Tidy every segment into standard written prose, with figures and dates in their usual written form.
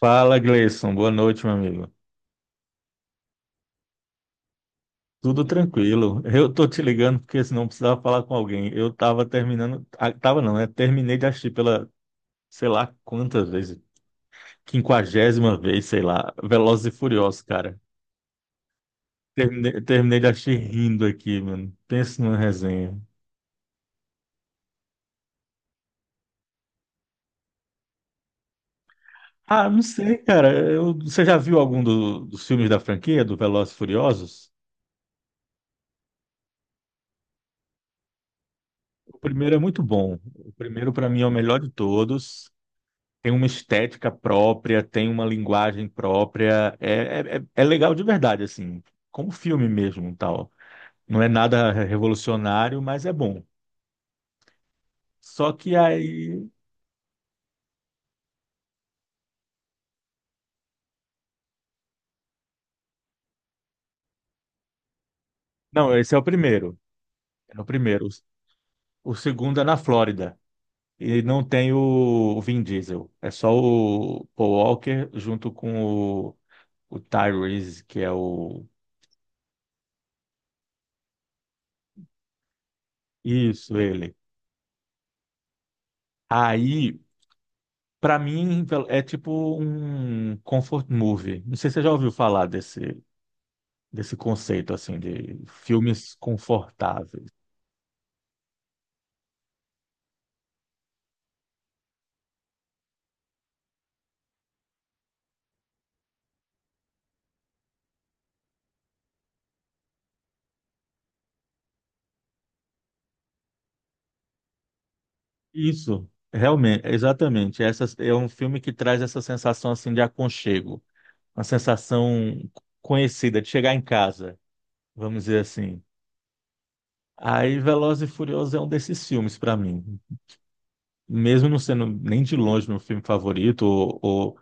Fala, Gleison. Boa noite, meu amigo. Tudo tranquilo. Eu tô te ligando porque senão eu precisava falar com alguém. Eu tava terminando, tava não, né? Terminei de assistir pela, sei lá quantas vezes, quinquagésima vez, sei lá, Velozes e Furiosos, cara. Terminei de assistir rindo aqui, mano. Pensa numa resenha. Ah, não sei, cara. Você já viu dos filmes da franquia, do Velozes e Furiosos? O primeiro é muito bom. O primeiro, pra mim, é o melhor de todos. Tem uma estética própria, tem uma linguagem própria. É legal de verdade, assim, como filme mesmo, tal. Não é nada revolucionário, mas é bom. Só que aí. Não, esse é o primeiro. É o primeiro. O segundo é na Flórida. E não tem o Vin Diesel. É só o Paul Walker junto com o Tyrese, que é o. Isso, ele. Aí pra mim, é tipo um comfort movie. Não sei se você já ouviu falar desse conceito, assim, de filmes confortáveis. Isso, realmente, exatamente. Essa, é um filme que traz essa sensação, assim, de aconchego. Uma sensação conhecida, de chegar em casa, vamos dizer assim. Aí, Velozes e Furiosos é um desses filmes pra mim. Mesmo não sendo nem de longe meu filme favorito, ou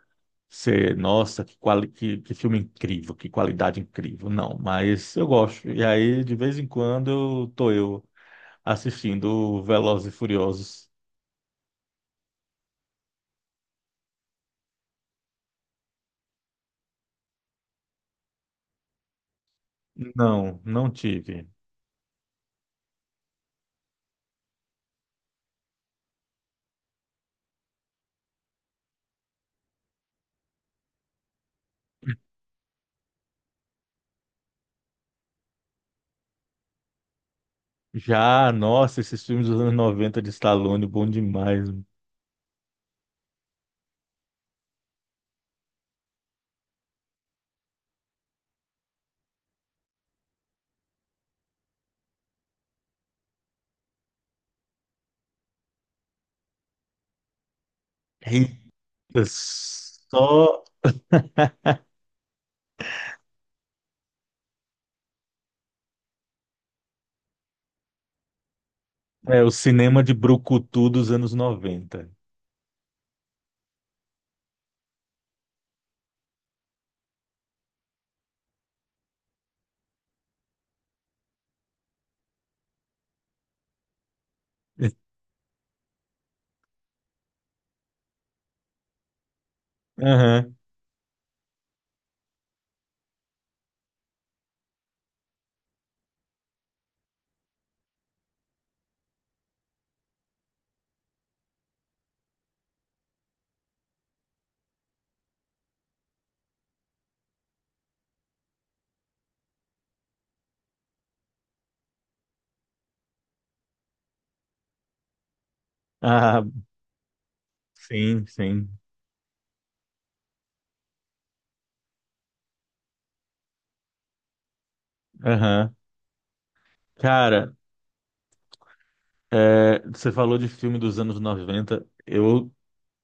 ser nossa, que filme incrível, que qualidade incrível. Não, mas eu gosto. E aí, de vez em quando, eu assistindo Velozes e Furiosos. Não, não tive. Já, nossa, esses filmes dos anos noventa de Stallone, bom demais. Eita, só é, o cinema de brucutu dos anos noventa. Aham. Ah, sim, sim. Aham. Cara, é, você falou de filme dos anos noventa. Eu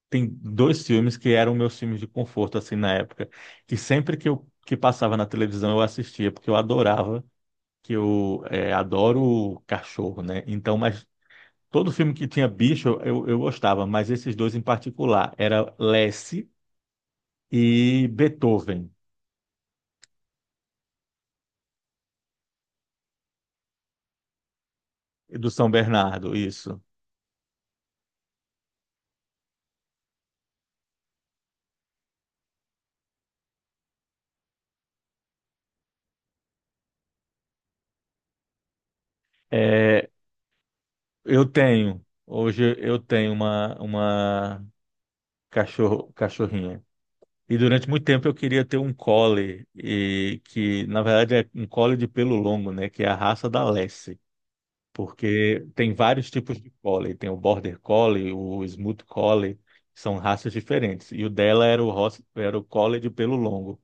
tem dois filmes que eram meus filmes de conforto, assim, na época, que sempre que eu que passava na televisão eu assistia, porque eu adorava, adoro cachorro, né? Então, mas todo filme que tinha bicho eu gostava, mas esses dois em particular, era Lassie e Beethoven, do São Bernardo, isso. É, eu tenho, hoje eu tenho uma cachorro, cachorrinha. E durante muito tempo eu queria ter um collie, e que na verdade é um collie de pelo longo, né, que é a raça da Lassie, porque tem vários tipos de collie, tem o Border Collie, o Smooth Collie, são raças diferentes. E o dela era era o collie de pelo longo.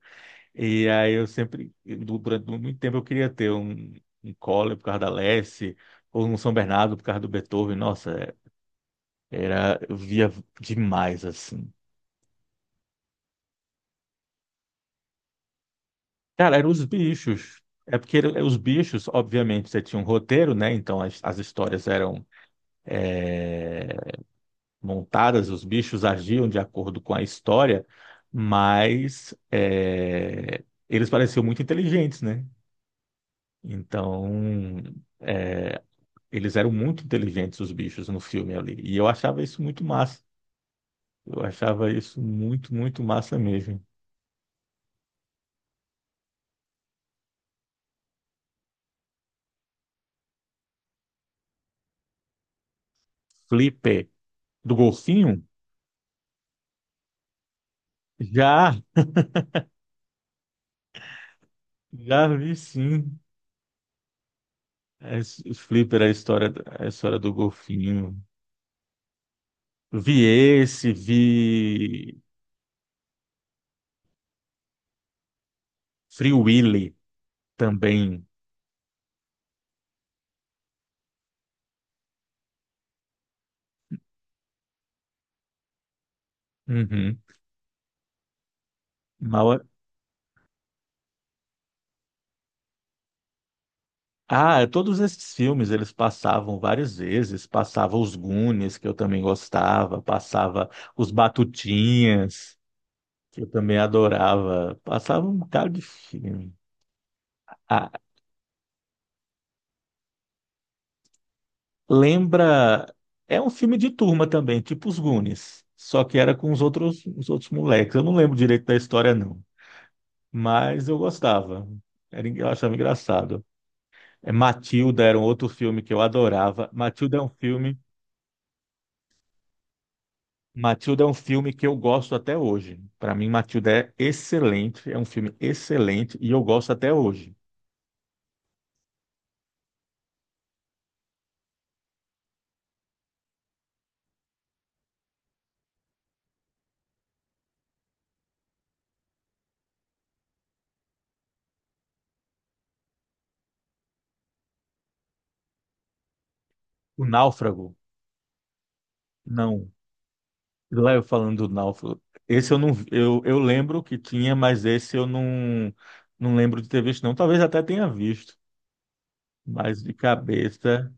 E aí durante muito tempo eu queria ter um collie por causa da Lassie, ou um São Bernardo por causa do Beethoven. Era eu via demais assim. Cara, eram os bichos. Os bichos, obviamente, você tinha um roteiro, né? Então as histórias eram montadas, os bichos agiam de acordo com a história, mas é, eles pareciam muito inteligentes, né? Então é, eles eram muito inteligentes, os bichos, no filme ali. E eu achava isso muito massa. Eu achava isso muito, muito massa mesmo. Flipper, do golfinho? Já, já vi sim. É, os Flipper, é a história do golfinho. Vi esse, vi Free Willy também. Uhum. Mal- ah, é, todos esses filmes eles passavam várias vezes. Passava os Goonies, que eu também gostava. Passava os Batutinhas, que eu também adorava. Passava um bocado de filme. Ah, lembra... É um filme de turma também, tipo os Goonies. Só que era com os outros moleques. Eu não lembro direito da história, não, mas eu gostava. Era, en- eu achava engraçado. É, Matilda era um outro filme que eu adorava. Matilda é um filme que eu gosto até hoje. Para mim, Matilda é excelente, é um filme excelente e eu gosto até hoje. O Náufrago, não. Lá eu falando do Náufrago. Esse eu não, vi- eu lembro que tinha, mas esse eu não, não lembro de ter visto, não. Talvez até tenha visto, mas de cabeça.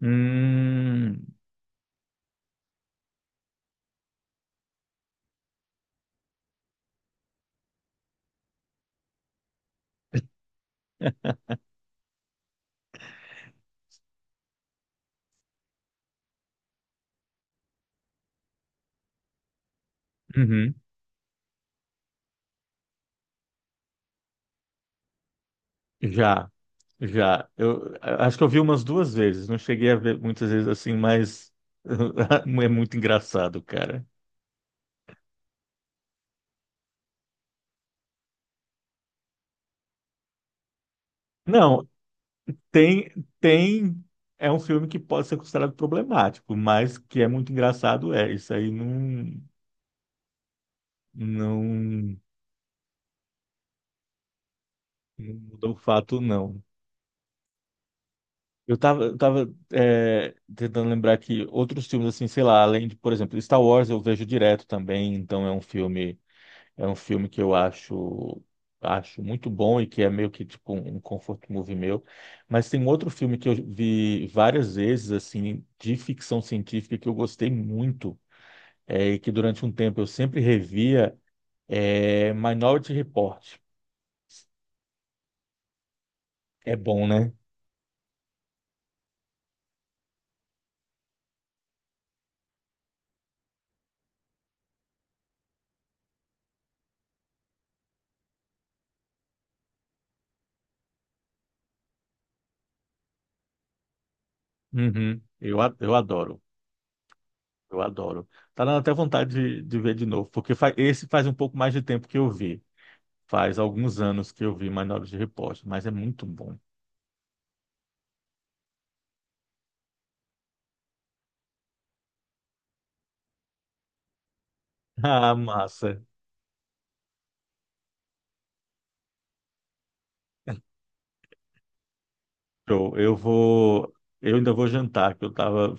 Hum, uhum, já. Já, acho que eu vi umas duas vezes, não cheguei a ver muitas vezes assim, mas é muito engraçado, cara. Não, tem, tem, é um filme que pode ser considerado problemático, mas que é muito engraçado, é, isso aí não, não, não muda o fato, não. Eu tava é, tentando lembrar que outros filmes, assim, sei lá, além de, por exemplo, Star Wars eu vejo direto também, então é um filme que eu acho acho muito bom e que é meio que tipo um comfort movie meu. Mas tem um outro filme que eu vi várias vezes assim de ficção científica que eu gostei muito é, e que durante um tempo eu sempre revia é Minority Report. É bom, né? Uhum. Eu adoro. Eu adoro. Tá dando até vontade de ver de novo, porque fa- esse faz um pouco mais de tempo que eu vi. Faz alguns anos que eu vi Minority Report, mas é muito bom. Ah, massa. Show. Eu vou. Eu ainda vou jantar, que eu estava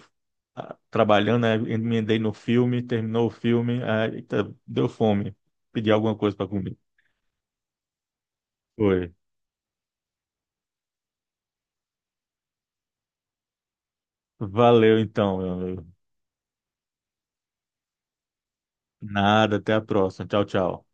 trabalhando, né? Emendei no filme, terminou o filme, aí, eita, deu fome. Pedi alguma coisa para comer. Foi. Valeu então, meu amigo. Nada, até a próxima. Tchau, tchau.